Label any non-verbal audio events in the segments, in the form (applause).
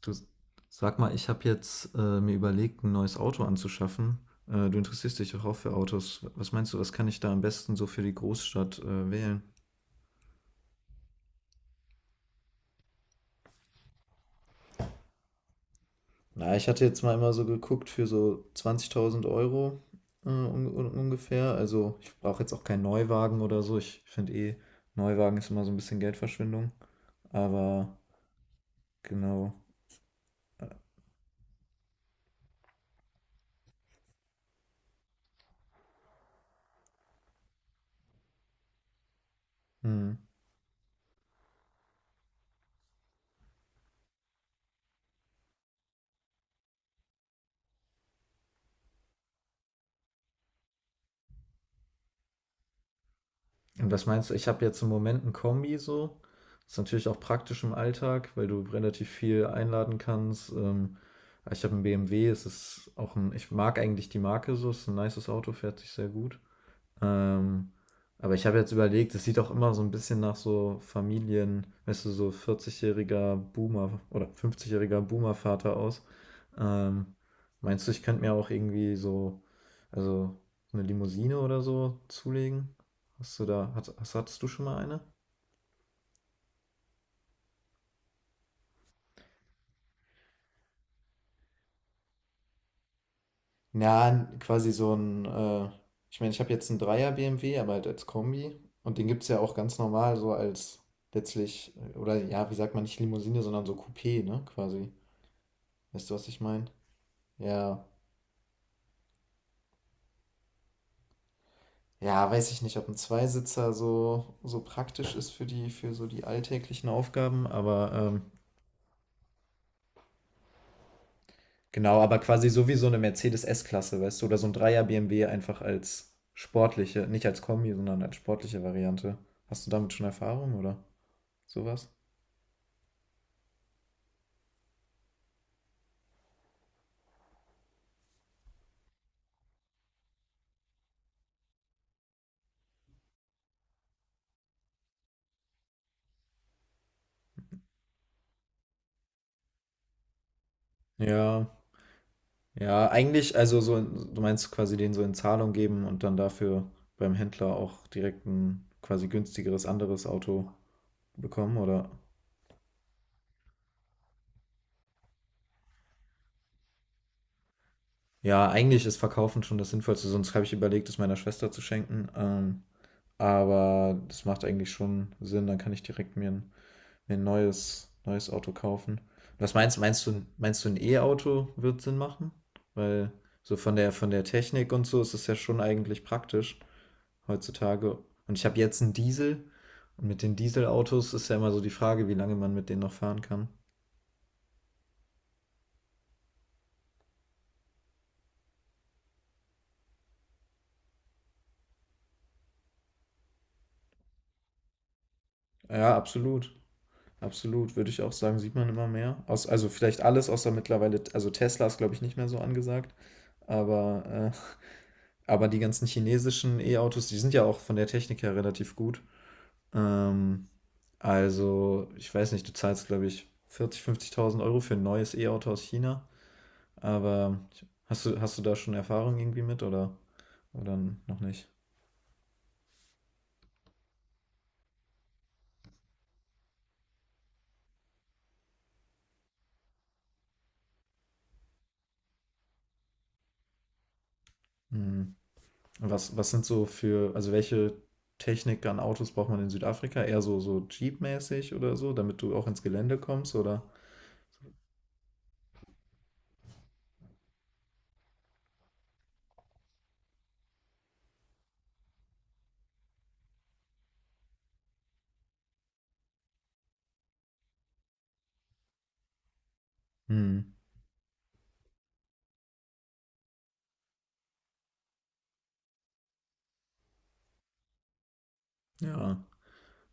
Du, sag mal, ich habe jetzt mir überlegt, ein neues Auto anzuschaffen. Du interessierst dich doch auch für Autos. Was meinst du, was kann ich da am besten so für die Großstadt wählen? Na, ich hatte jetzt mal immer so geguckt für so 20.000 Euro un un ungefähr. Also ich brauche jetzt auch keinen Neuwagen oder so. Ich finde eh, Neuwagen ist immer so ein bisschen Geldverschwendung. Aber genau. Hm. Und was meinst du? Ich habe jetzt im Moment ein Kombi so. Ist natürlich auch praktisch im Alltag, weil du relativ viel einladen kannst. Ich habe einen BMW, es ist auch ein, ich mag eigentlich die Marke so, es ist ein nices Auto, fährt sich sehr gut. Ähm, aber ich habe jetzt überlegt, es sieht auch immer so ein bisschen nach so Familien, weißt du, so 40-jähriger Boomer oder 50-jähriger Boomer-Vater aus. Ähm, Meinst du, ich könnte mir auch irgendwie so, also eine Limousine oder so zulegen? Hast du da, hattest du schon mal eine? Ja, quasi so ein, ich meine, ich habe jetzt einen Dreier BMW, aber halt als Kombi. Und den gibt es ja auch ganz normal, so als letztlich, oder ja, wie sagt man, nicht Limousine, sondern so Coupé, ne, quasi. Weißt du, was ich meine? Ja. Ja, weiß ich nicht, ob ein Zweisitzer so, so praktisch ist für die, für so die alltäglichen Aufgaben, aber genau, aber quasi so wie so eine Mercedes S-Klasse, weißt du, oder so ein Dreier BMW einfach als sportliche, nicht als Kombi, sondern als sportliche Variante. Hast du damit schon Erfahrung oder sowas? Ja, ja, eigentlich, also so, du meinst quasi den so in Zahlung geben und dann dafür beim Händler auch direkt ein quasi günstigeres anderes Auto bekommen, oder? Ja, eigentlich ist Verkaufen schon das Sinnvollste, sonst habe ich überlegt, es meiner Schwester zu schenken. Aber das macht eigentlich schon Sinn, dann kann ich direkt mir ein neues Auto kaufen. Was meinst du, ein E-Auto wird Sinn machen? Weil so von der Technik und so ist es ja schon eigentlich praktisch heutzutage. Und ich habe jetzt einen Diesel und mit den Dieselautos ist ja immer so die Frage, wie lange man mit denen noch fahren kann. Ja, absolut. Absolut, würde ich auch sagen, sieht man immer mehr. Aus, also vielleicht alles außer mittlerweile, also Tesla ist, glaube ich, nicht mehr so angesagt. Aber, äh, aber die ganzen chinesischen E-Autos, die sind ja auch von der Technik her relativ gut. Ähm, also, ich weiß nicht, du zahlst, glaube ich, 40.000, 50.000 Euro für ein neues E-Auto aus China. Aber hast du da schon Erfahrung irgendwie mit oder noch nicht? Hm. Was sind so für, also welche Technik an Autos braucht man in Südafrika? Eher so, so Jeep-mäßig oder so, damit du auch ins Gelände kommst, oder? Hm, ja.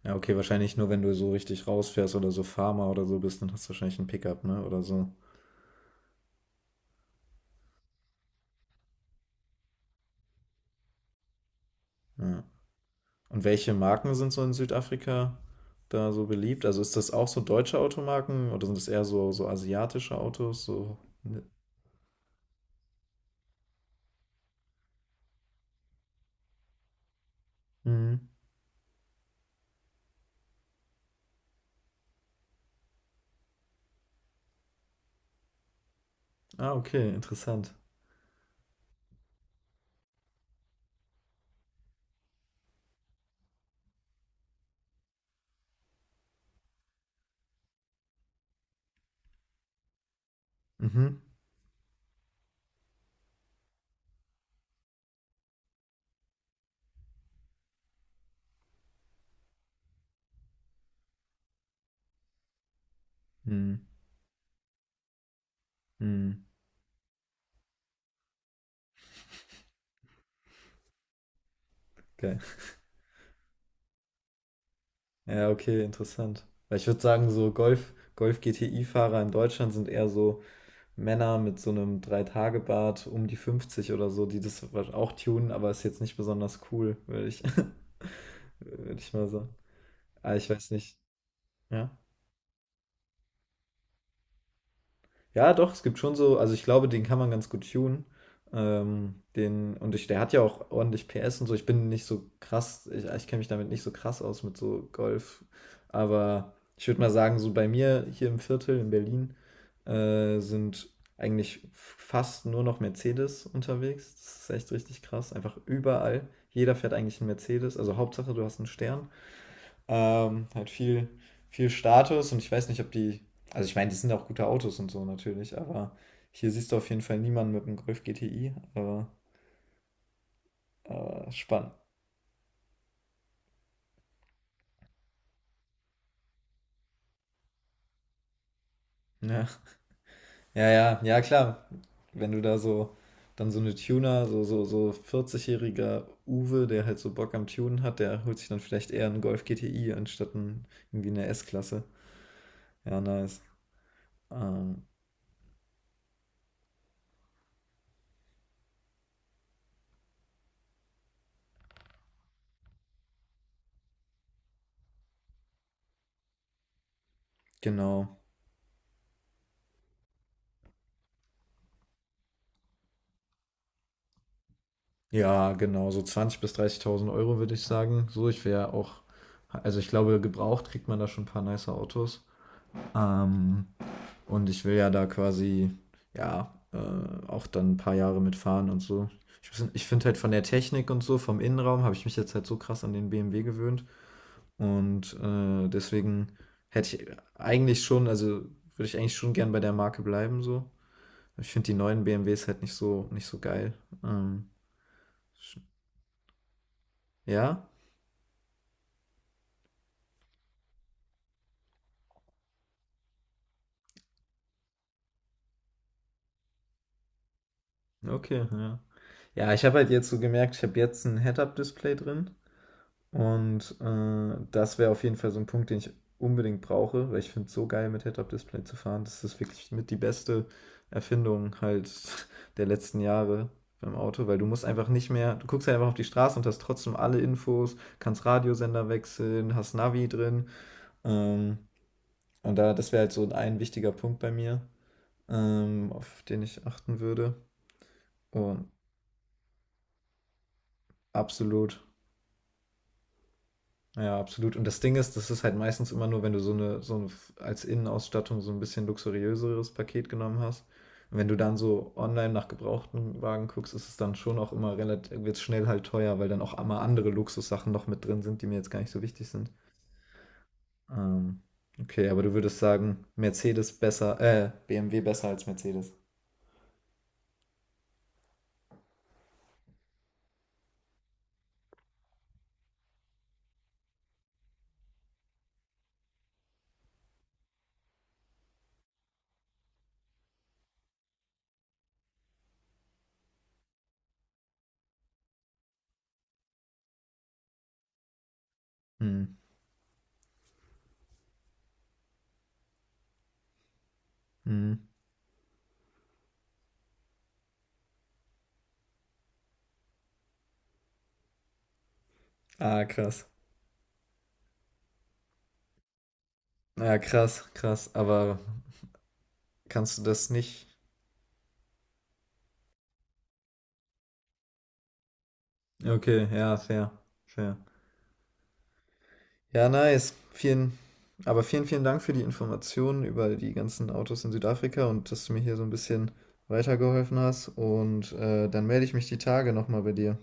Ja, okay, wahrscheinlich nur, wenn du so richtig rausfährst oder so Farmer oder so bist, dann hast du wahrscheinlich einen Pickup, ne? Oder so. Ja. Und welche Marken sind so in Südafrika da so beliebt? Also ist das auch so deutsche Automarken oder sind das eher so, so asiatische Autos? So, ne? Mhm. Ah, okay, interessant. Mhm. Mhm. Mhm. Geil. Ja, okay, interessant. Weil ich würde sagen, so Golf, Golf-GTI-Fahrer in Deutschland sind eher so Männer mit so einem Drei-Tage-Bart um die 50 oder so, die das auch tunen, aber ist jetzt nicht besonders cool, würde ich, (laughs) würde ich mal sagen. Ah, ich weiß nicht. Ja. Ja, doch, es gibt schon so, also ich glaube, den kann man ganz gut tunen. Der hat ja auch ordentlich PS und so. Ich bin nicht so krass, ich kenne mich damit nicht so krass aus mit so Golf. Aber ich würde mal sagen, so bei mir hier im Viertel in Berlin sind eigentlich fast nur noch Mercedes unterwegs. Das ist echt richtig krass. Einfach überall. Jeder fährt eigentlich einen Mercedes. Also Hauptsache, du hast einen Stern. Hat viel, viel Status und ich weiß nicht, ob die. Also ich meine, die sind auch gute Autos und so natürlich, aber hier siehst du auf jeden Fall niemanden mit einem Golf GTI, aber spannend. Ja. Ja, ja, ja, klar. Wenn du da so dann so eine Tuner, so 40-jähriger Uwe, der halt so Bock am Tunen hat, der holt sich dann vielleicht eher einen Golf GTI anstatt ein, irgendwie eine S-Klasse. Ja, nice. Ähm, genau. Ja, genau, so 20.000 bis 30.000 Euro würde ich sagen. So, ich wäre auch, also ich glaube, gebraucht kriegt man da schon ein paar nice Autos. Ähm, und ich will ja da quasi, ja, auch dann ein paar Jahre mitfahren und so. Weiß ich finde halt von der Technik und so, vom Innenraum, habe ich mich jetzt halt so krass an den BMW gewöhnt. Und deswegen hätte ich eigentlich schon, also würde ich eigentlich schon gern bei der Marke bleiben, so. Ich finde die neuen BMWs halt nicht so, nicht so geil. Ähm, ja, okay, ja. Ja, ich habe halt jetzt so gemerkt, ich habe jetzt ein Head-Up-Display drin und das wäre auf jeden Fall so ein Punkt, den ich unbedingt brauche, weil ich finde es so geil, mit Head-Up-Display zu fahren. Das ist wirklich mit die beste Erfindung halt (laughs) der letzten Jahre beim Auto, weil du musst einfach nicht mehr, du guckst halt einfach auf die Straße und hast trotzdem alle Infos, kannst Radiosender wechseln, hast Navi drin. Ähm, und da, das wäre halt so ein wichtiger Punkt bei mir, auf den ich achten würde. Und absolut. Ja, absolut. Und das Ding ist, das ist halt meistens immer nur, wenn du so eine als Innenausstattung so ein bisschen luxuriöseres Paket genommen hast. Und wenn du dann so online nach gebrauchten Wagen guckst, ist es dann schon auch immer relativ, wird es schnell halt teuer, weil dann auch immer andere Luxussachen noch mit drin sind, die mir jetzt gar nicht so wichtig sind. Ähm, okay, aber du würdest sagen, BMW besser als Mercedes. Hm. Hm. Ah, krass. Ja, krass, krass. Aber kannst du das nicht? Okay, ja, fair, fair. Ja, nice. Aber vielen, vielen Dank für die Informationen über die ganzen Autos in Südafrika und dass du mir hier so ein bisschen weitergeholfen hast. Und dann melde ich mich die Tage nochmal bei dir.